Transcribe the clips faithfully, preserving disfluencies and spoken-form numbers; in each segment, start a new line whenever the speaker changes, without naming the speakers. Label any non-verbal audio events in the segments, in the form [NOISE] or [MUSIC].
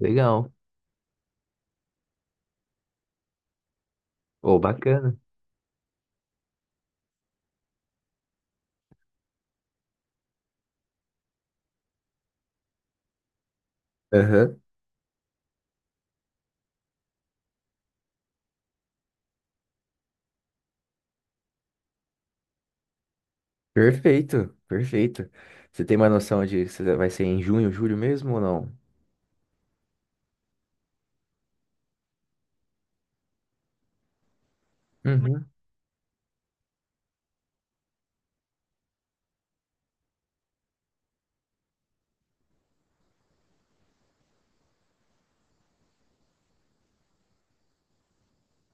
Legal. Ô, bacana. Aham. Perfeito, perfeito. Você tem uma noção de se vai ser em junho, julho mesmo ou não? Uhum.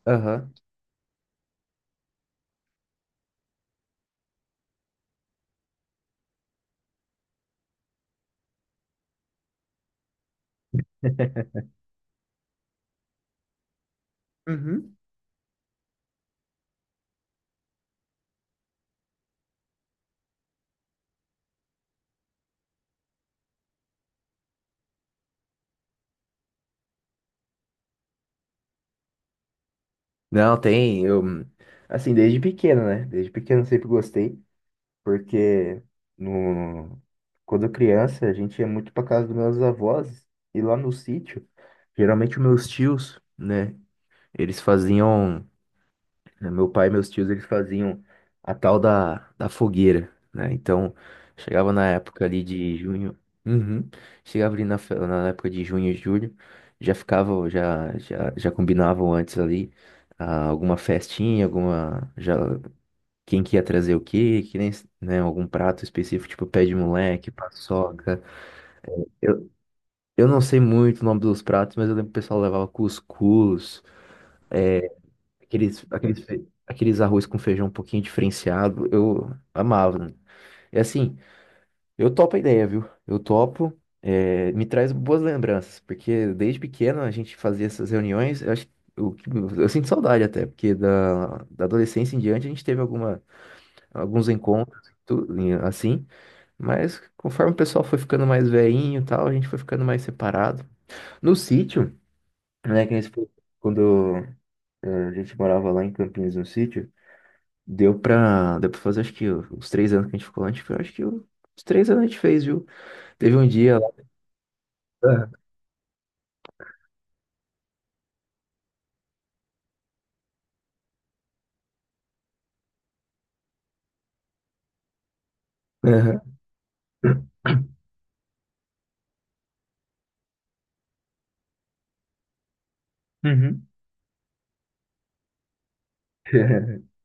Aham. Uhum. Não, tem. Eu, assim, desde pequeno, né? Desde pequeno eu sempre gostei, porque no, quando eu criança a gente ia muito pra casa dos meus avós e lá no sítio, geralmente os meus tios, né? Eles faziam. Né? Meu pai e meus tios, eles faziam a tal da, da fogueira, né? Então, chegava na época ali de junho. Uhum. Chegava ali na, fe- na época de junho e julho, já ficava, já, já, já combinavam antes ali, ah, alguma festinha, alguma, já, quem que ia trazer o quê, que nem, né, algum prato específico, tipo pé de moleque, paçoca. Eu, eu não sei muito o nome dos pratos, mas eu lembro que o pessoal levava cuscuz. Aqueles, aqueles, fe- aqueles arroz com feijão um pouquinho diferenciado, eu amava. Né? E assim, eu topo a ideia, viu? Eu topo, é, me traz boas lembranças, porque desde pequeno a gente fazia essas reuniões, eu acho, eu, eu sinto saudade até, porque da, da adolescência em diante a gente teve alguma, alguns encontros, tudo, e assim, mas conforme o pessoal foi ficando mais velhinho e tal, a gente foi ficando mais separado. No sítio, né, que a gente, quando eh, a gente morava lá em Campinas, no sítio. Deu pra, deu pra fazer, acho que os três anos que a gente ficou lá, a gente, foi- acho que os três anos a gente fez, viu? Teve um dia lá. Ah. Aham. Uhum. [LAUGHS]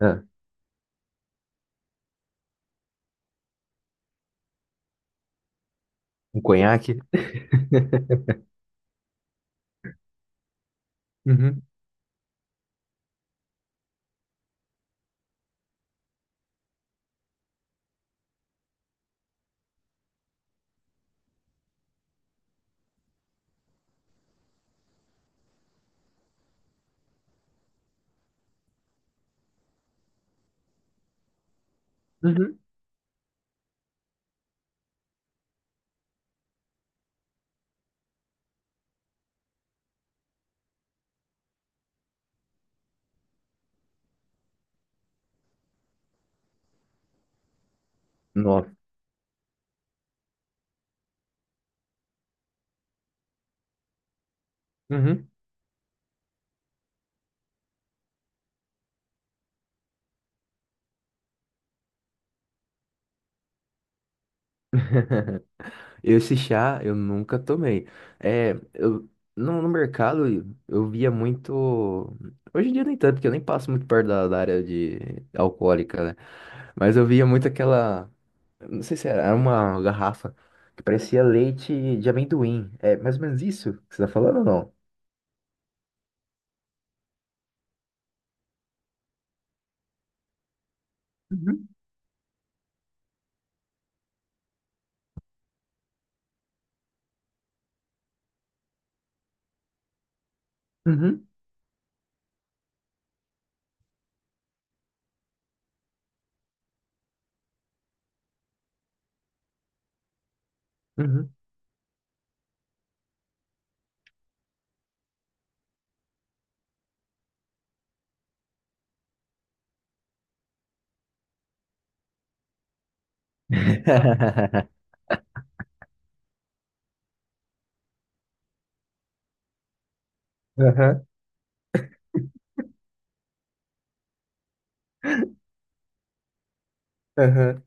Ah, um conhaque. Uhum. Uhum. Nossa. Uhum. Esse chá eu nunca tomei. É, eu, no, no mercado eu via muito. Hoje em dia nem tanto, porque eu nem passo muito perto da, da área de alcoólica, né? Mas eu via muito aquela. Não sei se era, era uma garrafa que parecia leite de amendoim. É mais ou menos isso que você tá falando ou não? Uhum. Uhum. Uhum. [LAUGHS] Aham. Aham.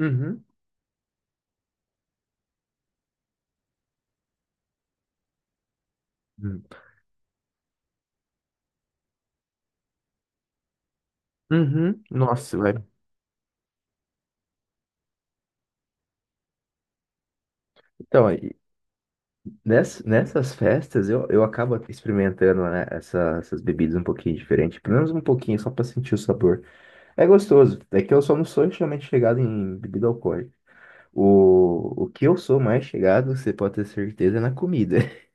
Uhum. Hum. Uhum. Nossa, velho. Então, aí, ness- nessas festas eu, eu acabo experimentando, né, essa- essas bebidas um pouquinho diferente, pelo menos um pouquinho, só pra sentir o sabor. É gostoso. É que eu só não sou extremamente chegado em bebida alcoólica. O, o que eu sou mais chegado, você pode ter certeza, é na comida. [LAUGHS]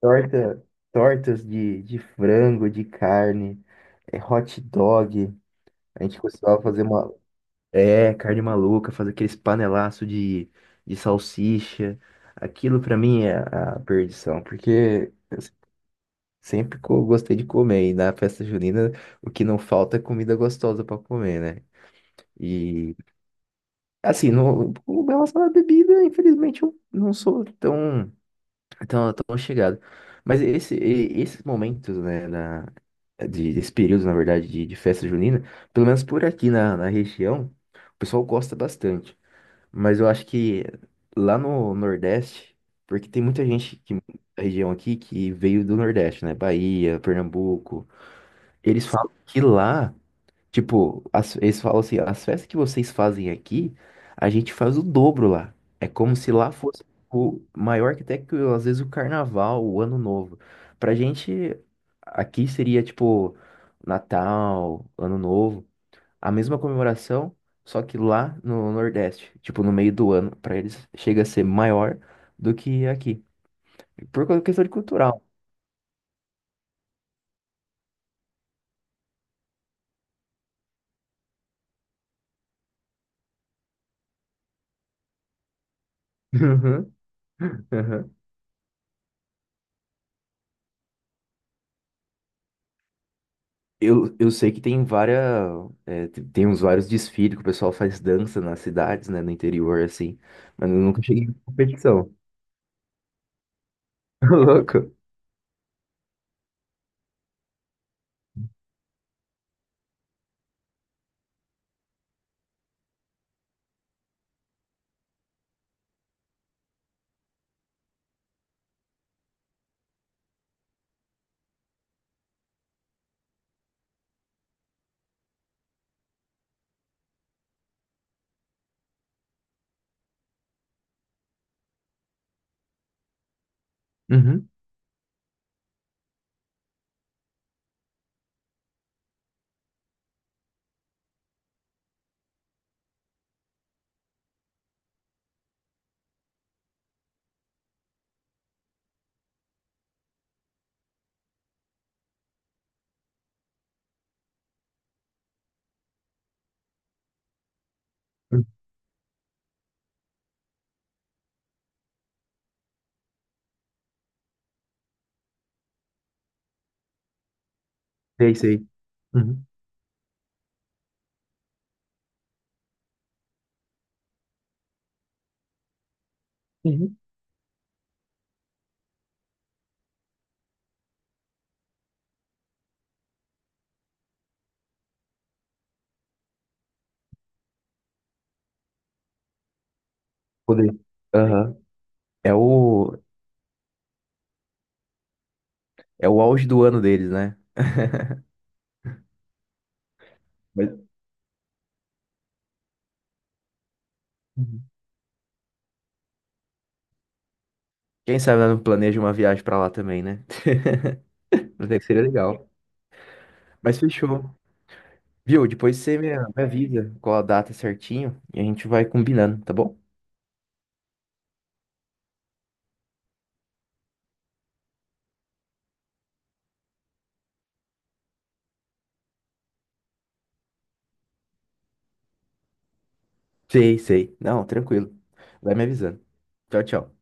Torta, tortas de, de frango, de carne, é, hot dog. A gente costumava fazer uma. É, carne maluca, fazer aqueles panelaço de, de salsicha. Aquilo pra mim é a perdição, porque eu sempre co- gostei de comer. E na festa junina, o que não falta é comida gostosa pra comer, né? E assim, no, com relação à bebida, infelizmente eu não sou tão. Então, tão chegado. Mas esse, e- esses momentos, né, na, de, desse período, na verdade, de, de festa junina, pelo menos por aqui na, na região, o pessoal gosta bastante. Mas eu acho que lá no Nordeste, porque tem muita gente que, da região aqui que veio do Nordeste, né, Bahia, Pernambuco, eles falam que lá, tipo, as- eles falam assim, as festas que vocês fazem aqui, a gente faz o dobro lá. É como se lá fosse o maior que até que às vezes o carnaval, o ano novo. Pra gente, aqui seria tipo Natal, ano novo, a mesma comemoração, só que lá no Nordeste, tipo no meio do ano, pra eles chega a ser maior do que aqui. Por causa, questão de cultural. [LAUGHS] Uhum. Uhum. Eu, eu sei que tem várias, é, te- tem uns vários desfiles que o pessoal faz dança nas cidades, né, no interior, assim, mas eu nunca cheguei em competição. [LAUGHS] Ô, louco. Uhum. Sei, sei. Uhum. Uhum. Poder. Aham. É o, é o auge do ano deles, né? Mas, uhum. Quem sabe ela não planeja uma viagem pra lá também, né? [LAUGHS] Mas é que seria legal. Mas fechou. Viu? Depois você me, me avisa qual a data certinho e a gente vai combinando, tá bom? Sei, sei. Não, tranquilo. Vai me avisando. Tchau, tchau.